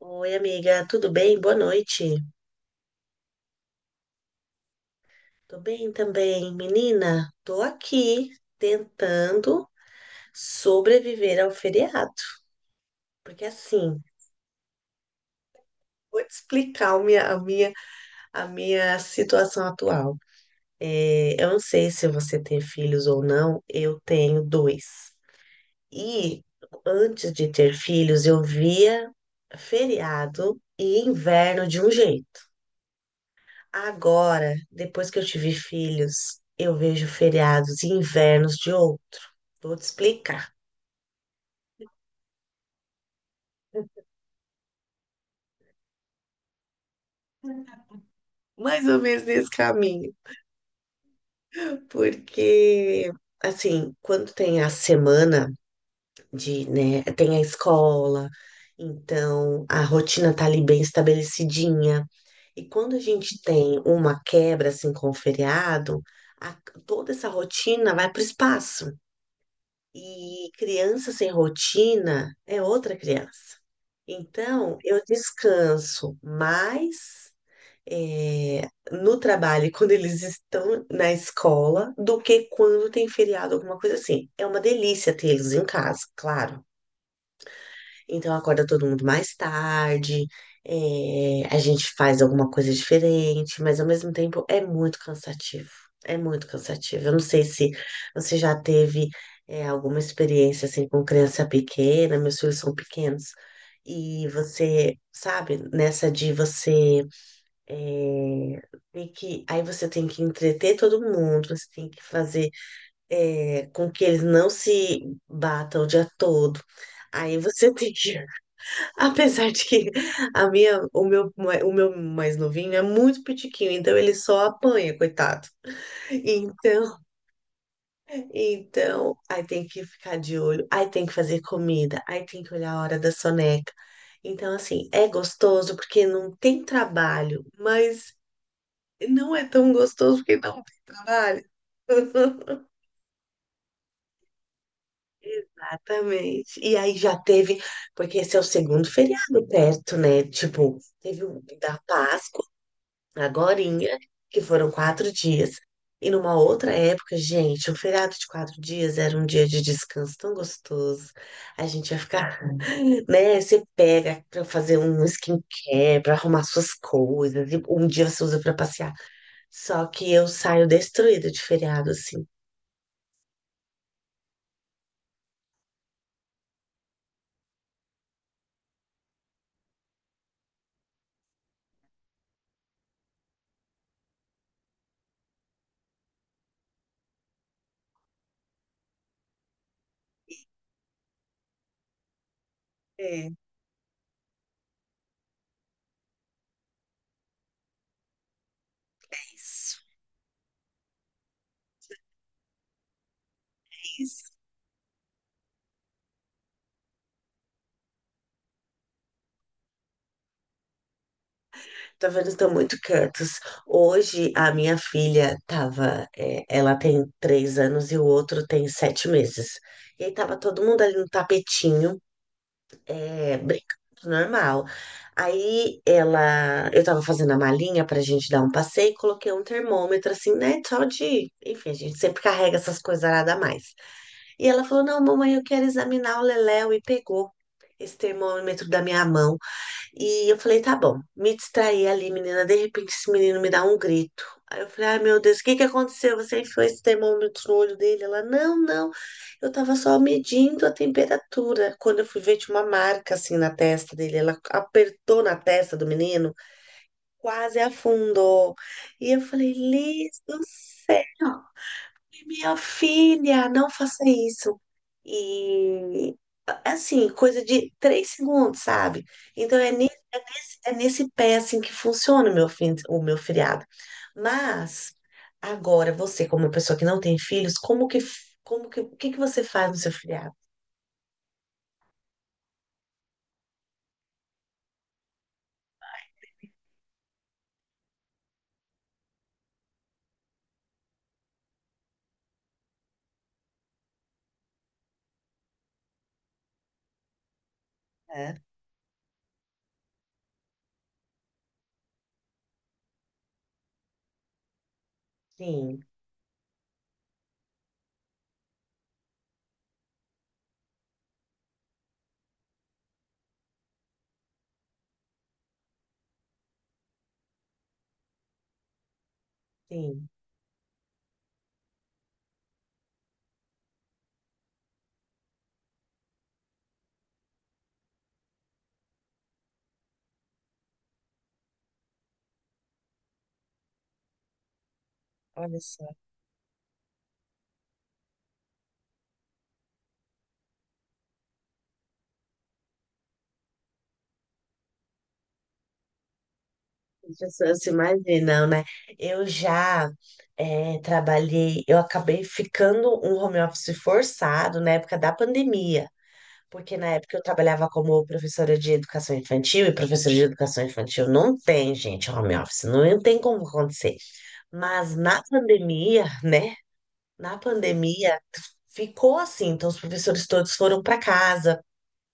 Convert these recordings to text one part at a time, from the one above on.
Oi, amiga, tudo bem? Boa noite. Tô bem também. Menina, tô aqui tentando sobreviver ao feriado, porque assim, vou te explicar a minha situação atual. Eu não sei se você tem filhos ou não, eu tenho dois. E antes de ter filhos, eu via feriado e inverno de um jeito. Agora, depois que eu tive filhos, eu vejo feriados e invernos de outro. Vou te explicar. Mais ou menos nesse caminho. Porque, assim, quando tem a semana de, né, tem a escola, então a rotina tá ali bem estabelecidinha. E quando a gente tem uma quebra, assim, com o feriado, a- toda essa rotina vai pro espaço. E criança sem rotina é outra criança. Então, eu descanso mais eh, no trabalho e quando eles estão na escola do que quando tem feriado, alguma coisa assim. É uma delícia tê-los em casa, claro. Então acorda todo mundo mais tarde, a gente faz alguma coisa diferente, mas ao mesmo tempo é muito cansativo. É muito cansativo. Eu não sei se você já teve, alguma experiência assim com criança pequena, meus filhos são pequenos, e você, sabe, nessa de você eh, tem que, aí você tem que entreter todo mundo, você tem que fazer com que eles não se batam o dia todo. Aí você tem que apesar de que a minha, o meu, mai- o meu mais novinho é muito pitiquinho, então ele só apanha, coitado. Então, então, aí tem que ficar de olho, aí tem que fazer comida, aí tem que olhar a hora da soneca. Então, assim, é gostoso porque não tem trabalho, mas não é tão gostoso porque não tem trabalho. Exatamente. E aí já teve, porque esse é o segundo feriado perto, né? Tipo, teve o da Páscoa. Agorinha, que foram 4 dias. E numa outra época, gente, um feriado de 4 dias era um dia de descanso tão gostoso. A gente ia ficar, né? Você pega pra fazer um skincare, pra arrumar suas coisas, e um dia você usa pra passear. Só que eu saio destruída de feriado, assim. É, isso. Tá vendo? Estão muito quietos. Hoje, a minha filha tava. É, ela tem 3 anos e o outro tem 7 meses. E aí tava todo mundo ali no tapetinho, brincando, normal. Aí ela. Eu tava fazendo a malinha pra gente dar um passeio e coloquei um termômetro assim, né? Só de. Enfim, a gente sempre carrega essas coisas nada mais. E ela falou: Não, mamãe, eu quero examinar o Leléu. E pegou esse termômetro da minha mão. E eu falei, tá bom, me distraí ali, menina. De repente, esse menino me dá um grito. Aí eu falei, ai meu Deus, o que que aconteceu? Você enfiou esse termômetro no olho dele? Ela, não, não, eu tava só medindo a temperatura. Quando eu fui ver, tinha uma marca assim na testa dele. Ela apertou na testa do menino, quase afundou. E eu falei, Liz do céu, minha filha, não faça isso. E assim, coisa de 3 segundos, sabe? Então é nesse pé assim que funciona o meu feriado. Mas agora você, como uma pessoa que não tem filhos, como que o que que você faz no seu feriado? É, sim, sim. Olha só, as pessoas se imaginam, né? Eu já trabalhei, eu acabei ficando um home office forçado na época da pandemia. Porque na época eu trabalhava como professora de educação infantil, e professora de educação infantil não tem, gente, home office, não tem como acontecer. Mas na pandemia, né? Na pandemia ficou assim, então os professores todos foram para casa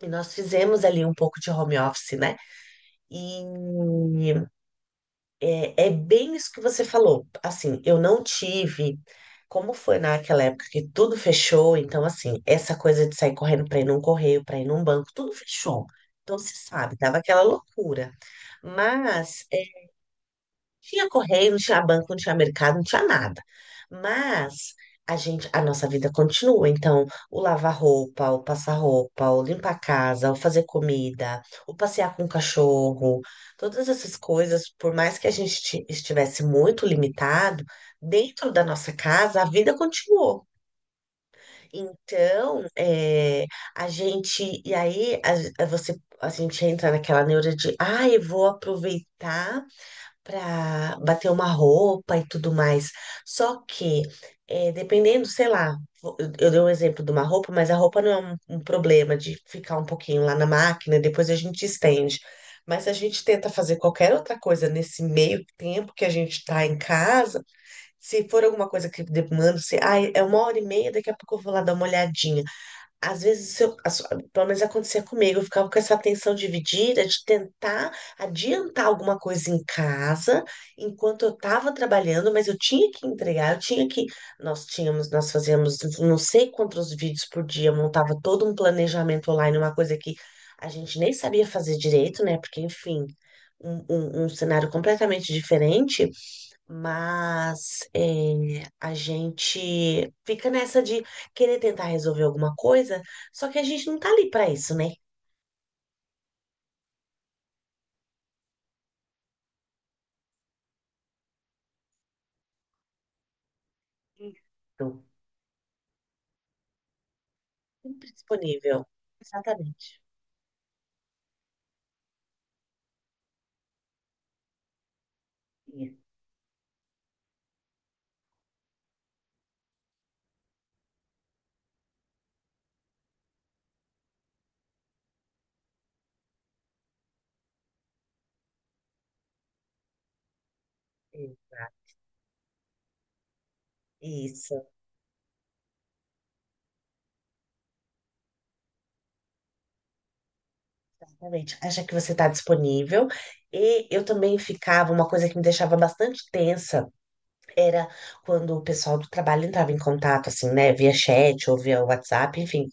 e nós fizemos ali um pouco de home office, né? E é bem isso que você falou. Assim, eu não tive. Como foi naquela época que tudo fechou, então, assim, essa coisa de sair correndo para ir num correio, para ir num banco, tudo fechou. Então, se sabe, tava aquela loucura. Mas tinha correio, não tinha banco, não tinha mercado, não tinha nada. Mas a gente, a nossa vida continua. Então, o lavar roupa, o passar roupa, o limpar a casa, o fazer comida, o passear com o cachorro, todas essas coisas, por mais que a gente estivesse muito limitado, dentro da nossa casa, a vida continuou. Então, é, a gente, e aí a gente entra naquela neura de, ah, eu vou aproveitar para bater uma roupa e tudo mais. Só que, dependendo, sei lá, eu dei um exemplo de uma roupa, mas a roupa não é um problema de ficar um pouquinho lá na máquina, depois a gente estende. Mas se a gente tenta fazer qualquer outra coisa nesse meio tempo que a gente está em casa, se for alguma coisa que demanda, se, ai, é 1h30, daqui a pouco eu vou lá dar uma olhadinha. Às vezes, pelo menos acontecia comigo, eu ficava com essa tensão dividida de tentar adiantar alguma coisa em casa enquanto eu estava trabalhando, mas eu tinha que entregar, eu tinha que. Nós tínhamos, nós fazíamos não sei quantos vídeos por dia, eu montava todo um planejamento online, uma coisa que a gente nem sabia fazer direito, né? Porque, enfim, um cenário completamente diferente. Mas é, a gente fica nessa de querer tentar resolver alguma coisa, só que a gente não tá ali para isso, né? Então, sempre disponível. Exatamente. Isso, exa- isso, exatamente. Acha que você está disponível. E eu também ficava, uma coisa que me deixava bastante tensa. Era quando o pessoal do trabalho entrava em contato, assim, né, via chat ou via WhatsApp, enfim,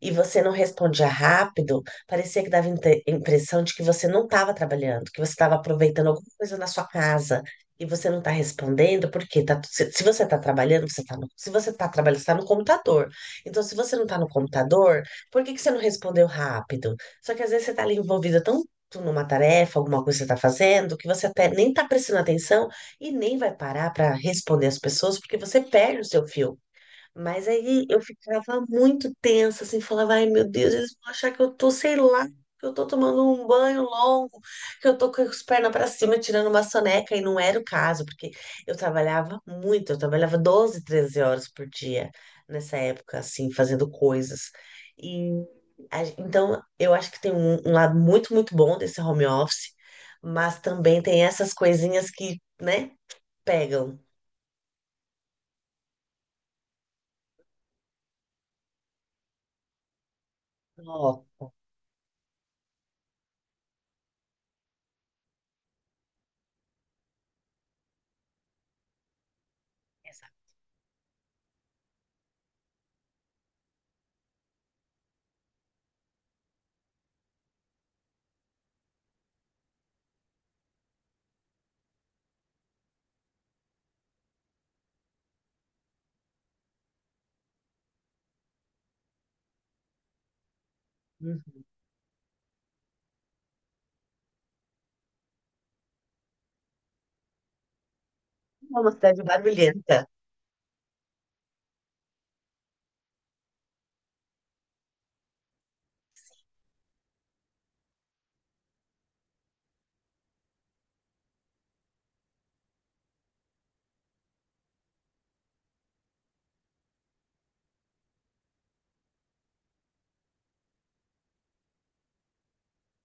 e você não respondia rápido, parecia que dava impressão de que você não estava trabalhando, que você estava aproveitando alguma coisa na sua casa e você não está respondendo, porque tá, se você está trabalhando, você tá no, se você está trabalhando, você está no computador. Então, se você não está no computador, por que que você não respondeu rápido? Só que às vezes você está ali envolvida tanto numa tarefa, alguma coisa que você está fazendo, que você até nem está prestando atenção. E nem vai parar para responder as pessoas, porque você perde o seu fio. Mas aí eu ficava muito tensa, assim, falava, ai meu Deus, eles vão achar que eu tô, sei lá, que eu tô tomando um banho longo, que eu tô com as pernas para cima, tirando uma soneca, e não era o caso, porque eu trabalhava muito, eu trabalhava 12, 13 horas por dia nessa época, assim, fazendo coisas. E então eu acho que tem um, um lado muito, muito bom desse home office, mas também tem essas coisinhas que, né? Pegam. Ó, essa- Uhum. É uma cidade barulhenta.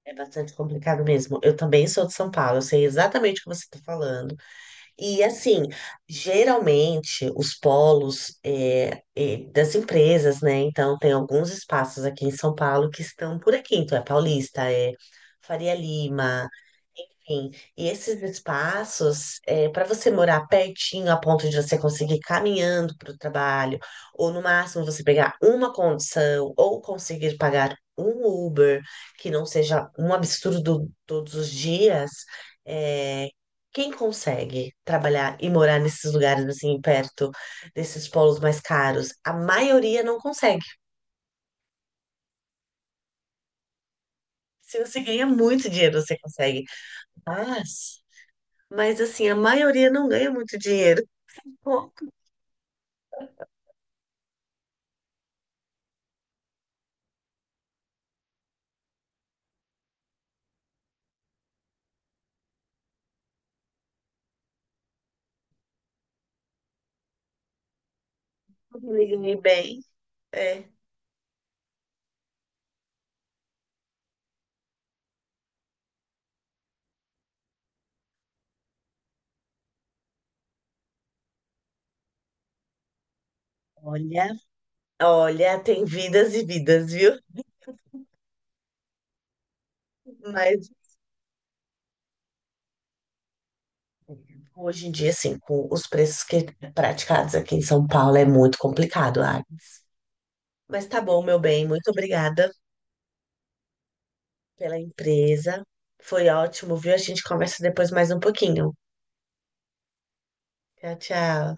É bastante complicado mesmo. Eu também sou de São Paulo, eu sei exatamente o que você está falando. E assim, geralmente os polos das empresas, né? Então tem alguns espaços aqui em São Paulo que estão por aqui. Então é Paulista, é Faria Lima, enfim, e esses espaços, para você morar pertinho a ponto de você conseguir ir caminhando para o trabalho, ou no máximo você pegar uma condição, ou conseguir pagar um Uber, que não seja um absurdo todos os dias, é, quem consegue trabalhar e morar nesses lugares assim, perto desses polos mais caros? A maioria não consegue. Se você ganha muito dinheiro, você consegue. Mas, mas assim, a maioria não ganha muito dinheiro. Como que eu me liguei bem? É. Olha, olha, tem vidas e vidas, viu? Mas hoje em dia, assim, com os preços que praticados aqui em São Paulo é muito complicado, Agnes. Mas tá bom, meu bem, muito obrigada pela empresa. Foi ótimo, viu? A gente conversa depois mais um pouquinho. Tchau, tchau.